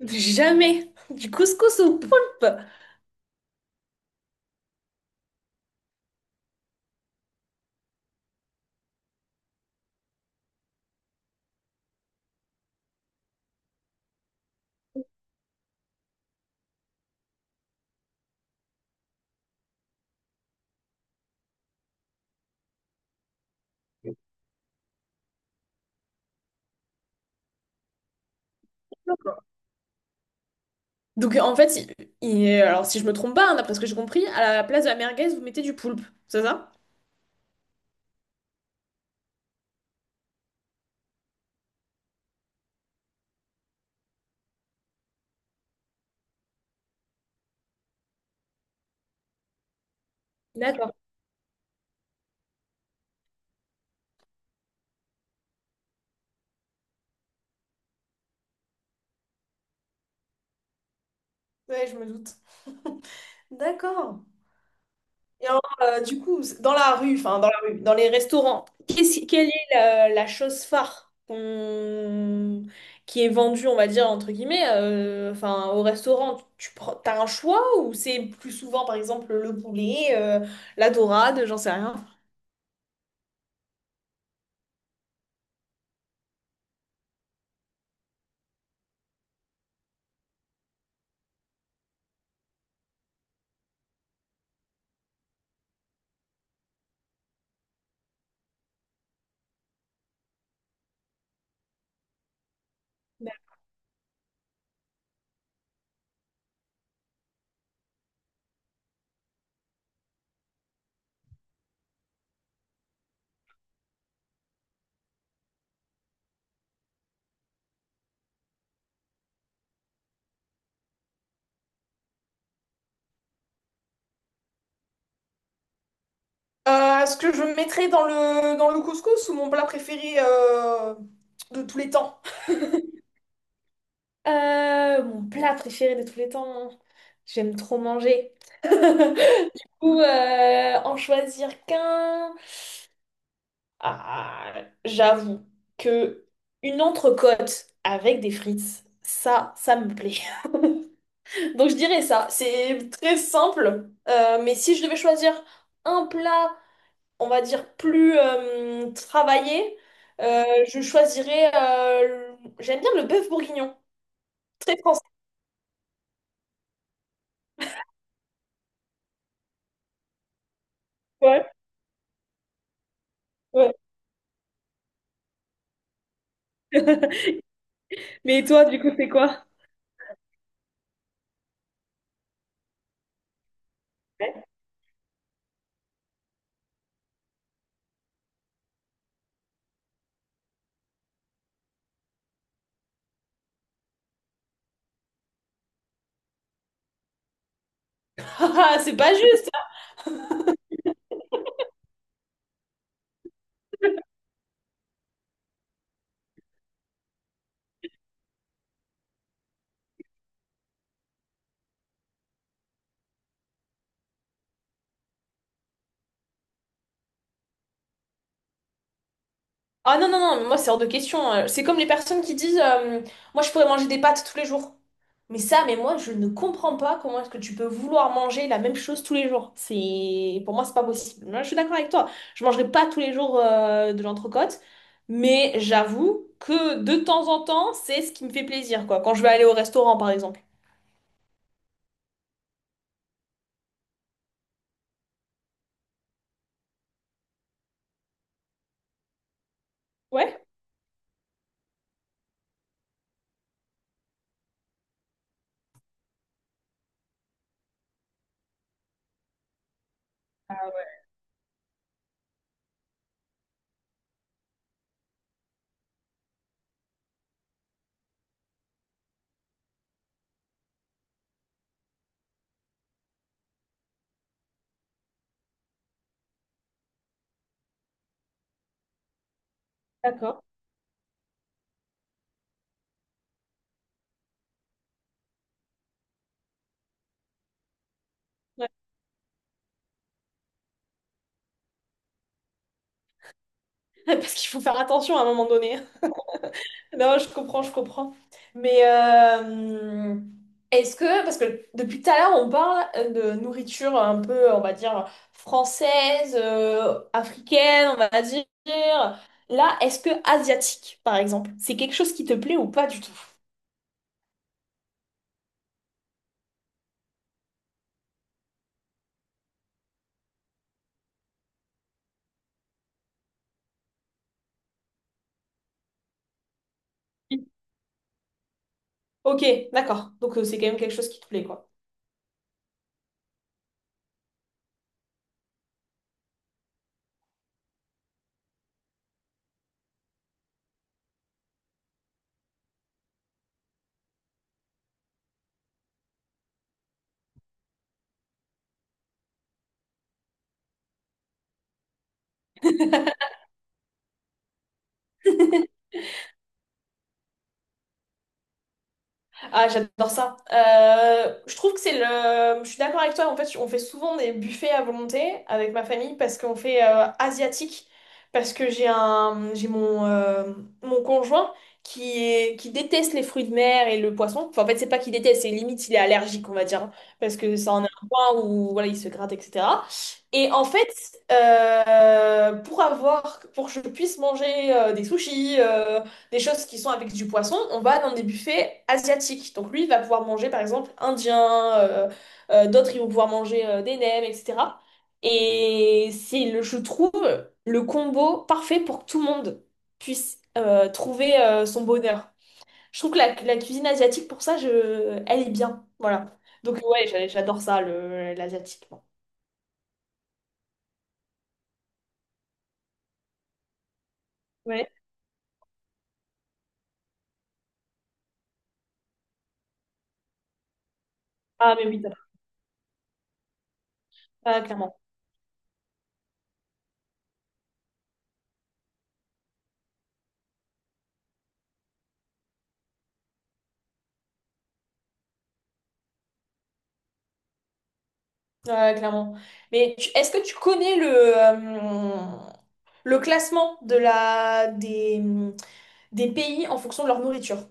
Jamais. Du couscous au poulpe. D'accord. Donc en fait, alors si je me trompe pas, hein, d'après ce que j'ai compris, à la place de la merguez, vous mettez du poulpe, c'est ça? D'accord. Ouais, je me doute. D'accord. Et alors, du coup, c- dans la rue, enfin dans la rue, dans les restaurants, qu'est-ce- quelle est la chose phare qu'on- qui est vendue, on va dire, entre guillemets, enfin au restaurant, tu prends, t'as un choix ou c'est plus souvent, par exemple, le poulet, la dorade, j'en sais rien. Ce que je mettrais dans dans le couscous ou mon plat préféré de tous les temps? Mon plat préféré de tous les temps. J'aime trop manger. Ou en choisir qu'un. Ah, j'avoue que une entrecôte avec des frites, ça me plaît. Donc je dirais ça. C'est très simple. Mais si je devais choisir un plat on va dire, plus travaillée, euh, J'aime bien le bœuf bourguignon. Très français. Ouais, ouais. Mais toi, du coup, c'est quoi? Ah, c'est pas juste. Ah non, non, non, moi c'est hors de question. C'est comme les personnes qui disent moi je pourrais manger des pâtes tous les jours. Mais moi je ne comprends pas comment est-ce que tu peux vouloir manger la même chose tous les jours. C'est... Pour moi c'est pas possible. Moi, je suis d'accord avec toi. Je mangerai pas tous les jours de l'entrecôte. Mais j'avoue que de temps en temps c'est ce qui me fait plaisir, quoi. Quand je vais aller au restaurant par exemple. Ouais, d'accord. Ouais. Parce qu'il faut faire attention à un moment donné. Non, je comprends, je comprends. Mais est-ce que, parce que depuis tout à l'heure, on parle de nourriture un peu, on va dire, française, africaine, on va dire. Là, est-ce que asiatique, par exemple, c'est quelque chose qui te plaît ou pas du tout? Ok, d'accord. Donc c'est quand même quelque chose qui te plaît, quoi. Ah, j'adore ça. Je trouve que c'est le... Je suis d'accord avec toi. En fait, on fait souvent des buffets à volonté avec ma famille parce qu'on fait asiatique. Parce que j'ai un... j'ai mon, mon conjoint qui est... qui déteste les fruits de mer et le poisson. Enfin, en fait, c'est pas qu'il déteste, c'est limite, il est allergique, on va dire, hein. Parce que ça en est un point où voilà, il se gratte, etc. Et en fait, pour avoir... pour que je puisse manger des sushis, des choses qui sont avec du poisson, on va dans des buffets asiatiques. Donc lui, il va pouvoir manger par exemple indien, d'autres ils vont pouvoir manger des nems, etc. Et c'est, le, je trouve, le combo parfait pour que tout le monde puisse trouver son bonheur. Je trouve que la cuisine asiatique, pour ça, je, elle est bien. Voilà. Donc ouais, j'adore ça, le, l'asiatique. Ouais. Ah, mais oui, t'as- Ah, clairement. Ouais, clairement. Mais tu- est-ce que tu connais le classement de des pays en fonction de leur nourriture?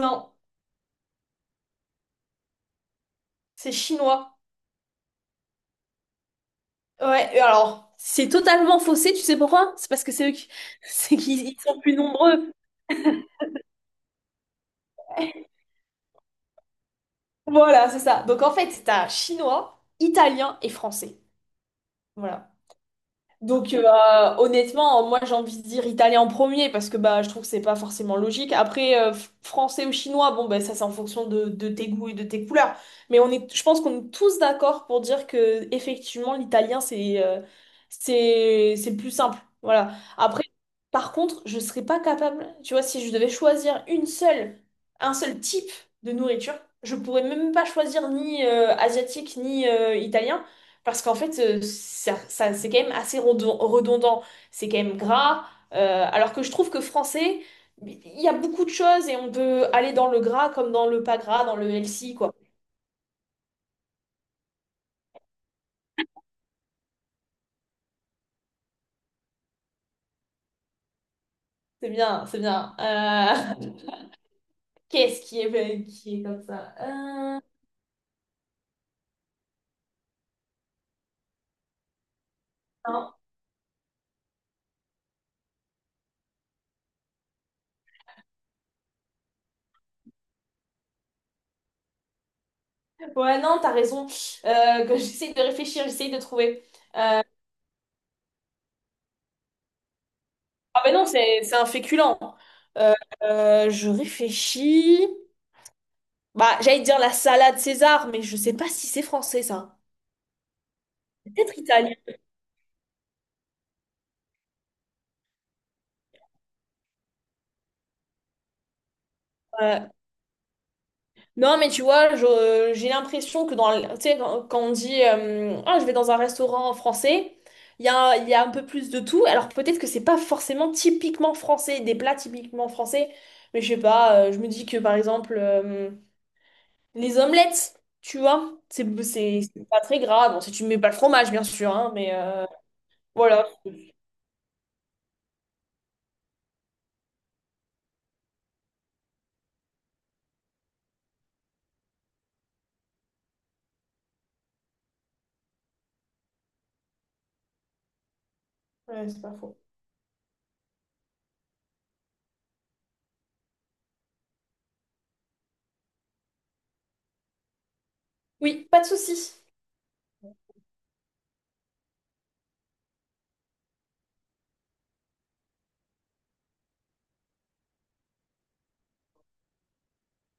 Non, c'est chinois. Ouais, et alors, c'est totalement faussé, tu sais pourquoi? C'est parce que c'est eux qui... c'est qu'ils sont plus nombreux. Voilà, c'est ça. Donc en fait, t'as chinois, italien et français. Voilà. Donc honnêtement, moi j'ai envie de dire italien en premier parce que bah, je trouve que c'est pas forcément logique. Après, français ou chinois, bon bah, ça c'est en fonction de tes goûts et de tes couleurs. Mais on est, je pense qu'on est tous d'accord pour dire que effectivement l'italien c'est c'est le plus simple. Voilà. Après, par contre, je serais pas capable, tu vois, si je devais choisir une seule, un seul type de nourriture, je pourrais même pas choisir ni asiatique ni italien. Parce qu'en fait, c'est quand même assez redondant, c'est quand même gras, alors que je trouve que français, il y a beaucoup de choses et on peut aller dans le gras comme dans le pas gras, dans le healthy, quoi. C'est bien, c'est bien. Qu'est-ce qui est comme ça? Non. Ouais, non, t'as raison. Que j'essaie de réfléchir, j'essaie de trouver. Euh, ah ben non, c'est un féculent. Euh, je réfléchis. Bah, j'allais dire la salade César, mais je sais pas si c'est français, ça. Peut-être italien. Ouais. Non, mais tu vois, j'ai l'impression que dans, le- tu sais, quand, quand on dit ah, je vais dans un restaurant français, il y a un peu plus de tout. Alors peut-être que c'est pas forcément typiquement français, des plats typiquement français, mais je sais pas, je me dis que par exemple, les omelettes, tu vois, c'est pas très grave. Bon, si tu mets pas le fromage, bien sûr, hein, mais voilà. Ouais, c'est pas faux. Oui, pas de souci.